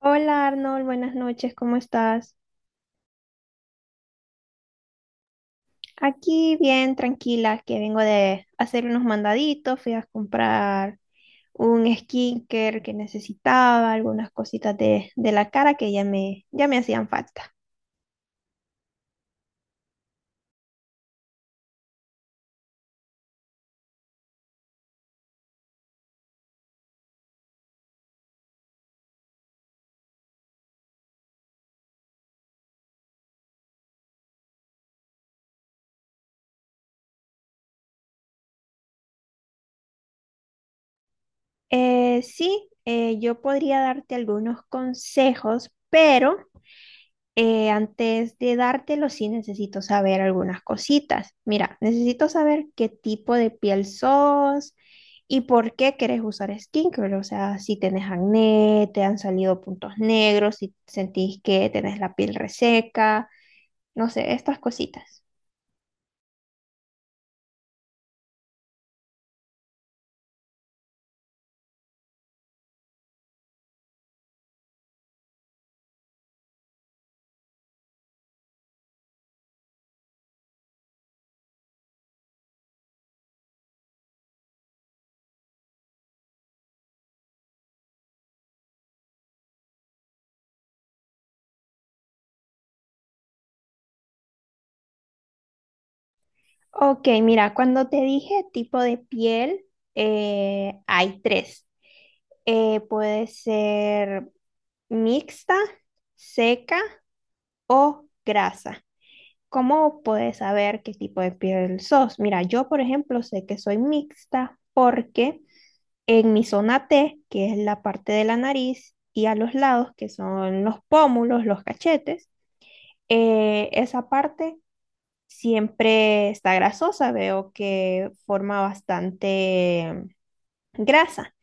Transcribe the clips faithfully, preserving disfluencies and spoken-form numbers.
Hola Arnold, buenas noches, ¿cómo estás? Aquí bien, tranquila, que vengo de hacer unos mandaditos, fui a comprar un skincare que necesitaba, algunas cositas de, de la cara que ya me, ya me hacían falta. Eh, sí, eh, yo podría darte algunos consejos, pero Eh, antes de dártelo, sí necesito saber algunas cositas. Mira, necesito saber qué tipo de piel sos y por qué querés usar skincare. O sea, si tenés acné, te han salido puntos negros, si sentís que tenés la piel reseca, no sé, estas cositas. Ok, mira, cuando te dije tipo de piel, eh, hay tres. Eh, puede ser mixta, seca o grasa. ¿Cómo puedes saber qué tipo de piel sos? Mira, yo por ejemplo sé que soy mixta porque en mi zona T, que es la parte de la nariz, y a los lados, que son los pómulos, los cachetes, eh, esa parte siempre está grasosa, veo que forma bastante grasa,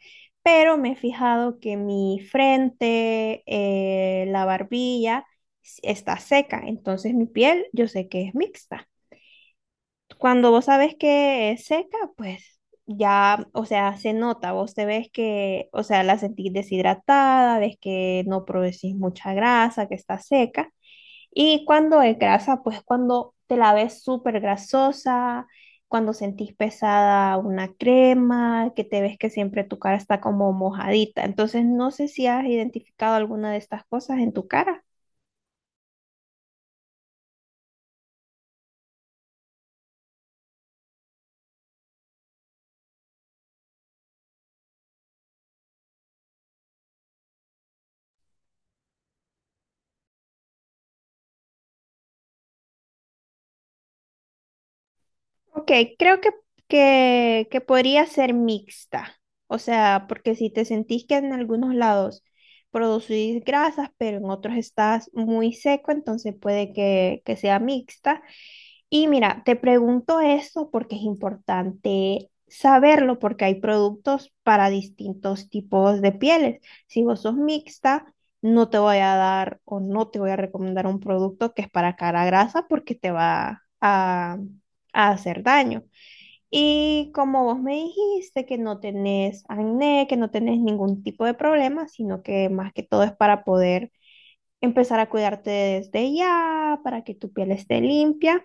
pero me he fijado que mi frente, eh, la barbilla s- está seca, entonces mi piel yo sé que es mixta. Cuando vos sabes que es seca, pues ya, o sea, se nota, vos te ves que, o sea, la sentís deshidratada, ves que no producís mucha grasa, que está seca. Y cuando es grasa, pues cuando te la ves súper grasosa, cuando sentís pesada una crema, que te ves que siempre tu cara está como mojadita. Entonces, no sé si has identificado alguna de estas cosas en tu cara. Ok, creo que, que, que podría ser mixta. O sea, porque si te sentís que en algunos lados producís grasas, pero en otros estás muy seco, entonces puede que, que sea mixta. Y mira, te pregunto eso porque es importante saberlo, porque hay productos para distintos tipos de pieles. Si vos sos mixta, no te voy a dar o no te voy a recomendar un producto que es para cara grasa porque te va a, a hacer daño. Y como vos me dijiste que no tenés acné, que no tenés ningún tipo de problema, sino que más que todo es para poder empezar a cuidarte desde ya, para que tu piel esté limpia,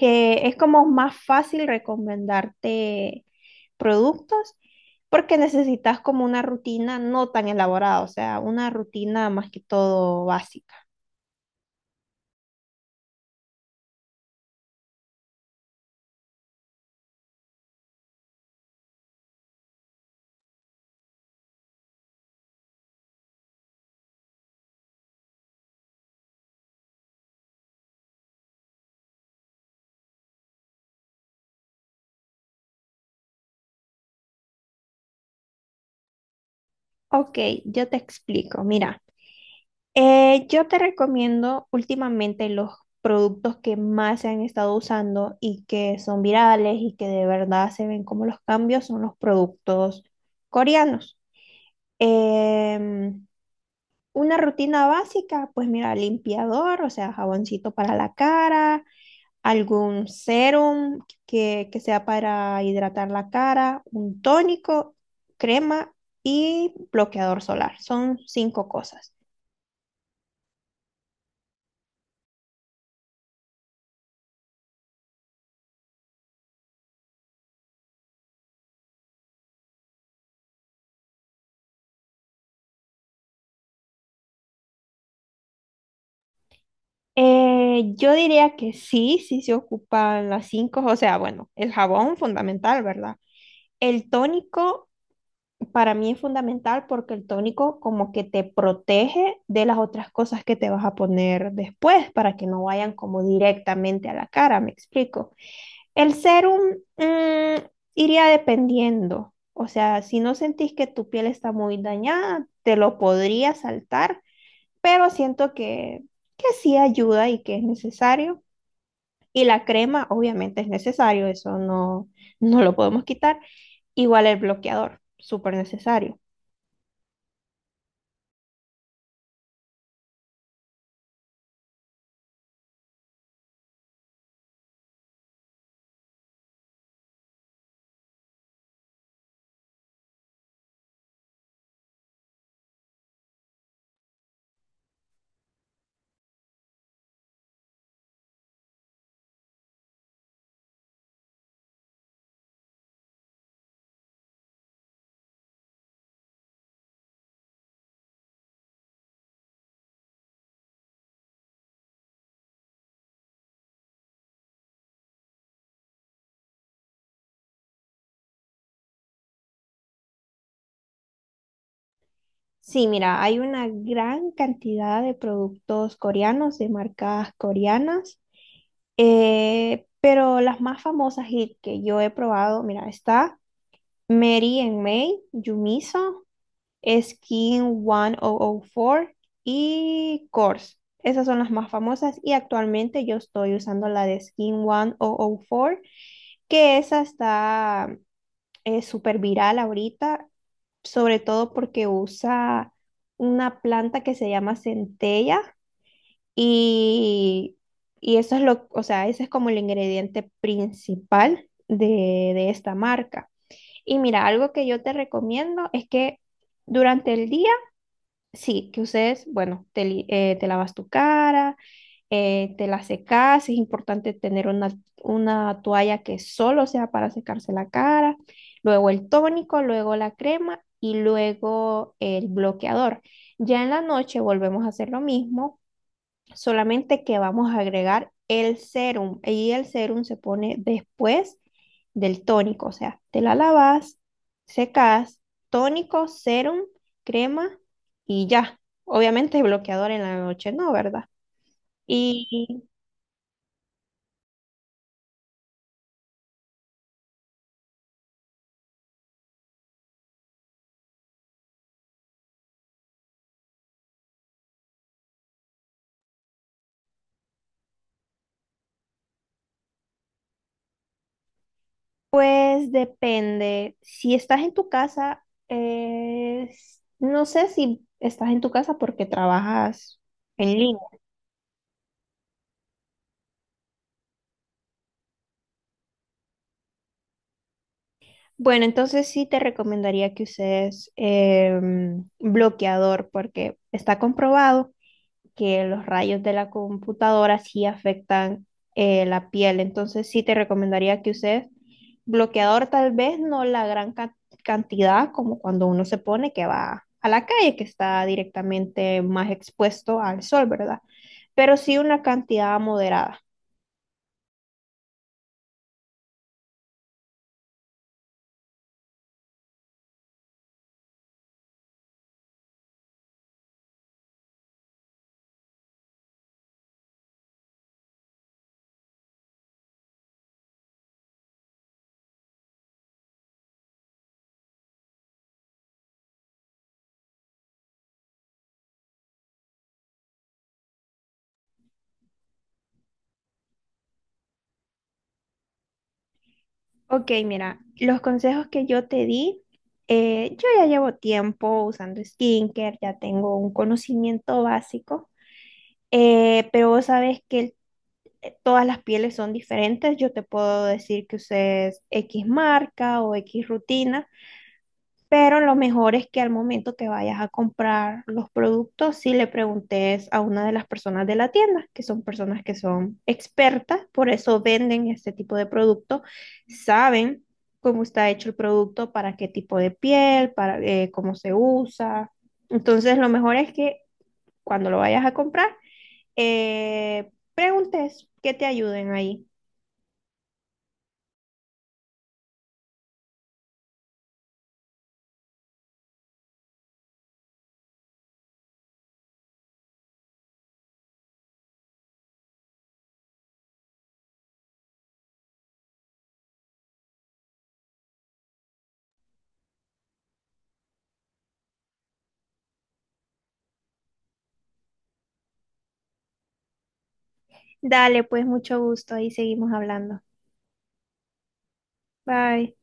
eh, es como más fácil recomendarte productos porque necesitas como una rutina no tan elaborada, o sea, una rutina más que todo básica. Ok, yo te explico. Mira, eh, yo te recomiendo últimamente los productos que más se han estado usando y que son virales y que de verdad se ven como los cambios son los productos coreanos. Em, Una rutina básica, pues mira, limpiador, o sea, jaboncito para la cara, algún serum que, que sea para hidratar la cara, un tónico, crema y bloqueador solar. Son cinco cosas. Eh, yo diría que sí, sí se ocupan las cinco, o sea, bueno, el jabón fundamental, ¿verdad? El tónico, para mí es fundamental porque el tónico como que te protege de las otras cosas que te vas a poner después para que no vayan como directamente a la cara, me explico. El serum, mm, iría dependiendo, o sea, si no sentís que tu piel está muy dañada, te lo podría saltar, pero siento que, que sí ayuda y que es necesario. Y la crema obviamente es necesario, eso no, no lo podemos quitar. Igual el bloqueador, súper necesario. Sí, mira, hay una gran cantidad de productos coreanos, de marcas coreanas, eh, pero las más famosas y que yo he probado, mira, está Mary and May, Yumiso, Skin mil cuatro y Kors. Esas son las más famosas y actualmente yo estoy usando la de Skin mil cuatro, que esa está es súper viral ahorita, sobre todo porque usa una planta que se llama centella y, y eso es lo, o sea, ese es como el ingrediente principal de, de esta marca. Y mira, algo que yo te recomiendo es que durante el día, sí, que ustedes, bueno, te, li- eh, te lavas tu cara, eh, te la secas, es importante tener una, una toalla que solo sea para secarse la cara, luego el tónico, luego la crema y luego el bloqueador. Ya en la noche volvemos a hacer lo mismo, solamente que vamos a agregar el serum y el serum se pone después del tónico, o sea, te la lavas, secas, tónico, serum, crema y ya. Obviamente bloqueador en la noche, ¿no? ¿Verdad? Y pues depende. Si estás en tu casa, es- no sé si estás en tu casa porque trabajas en línea. Bueno, entonces sí te recomendaría que uses em, bloqueador porque está comprobado que los rayos de la computadora sí afectan eh, la piel. Entonces sí te recomendaría que uses bloqueador, tal vez no la gran ca- cantidad como cuando uno se pone que va a la calle, que está directamente más expuesto al sol, ¿verdad? Pero sí una cantidad moderada. Ok, mira, los consejos que yo te di, eh, yo ya llevo tiempo usando skincare, ya tengo un conocimiento básico. Eh, pero vos sabes que todas las pieles son diferentes. Yo te puedo decir que uses X marca o X rutina, pero lo mejor es que al momento que vayas a comprar los productos, si le preguntes a una de las personas de la tienda, que son personas que son expertas, por eso venden este tipo de producto, saben cómo está hecho el producto, para qué tipo de piel, para eh, cómo se usa. Entonces, lo mejor es que cuando lo vayas a comprar, eh, preguntes que te ayuden ahí. Dale, pues mucho gusto. Ahí seguimos hablando. Bye.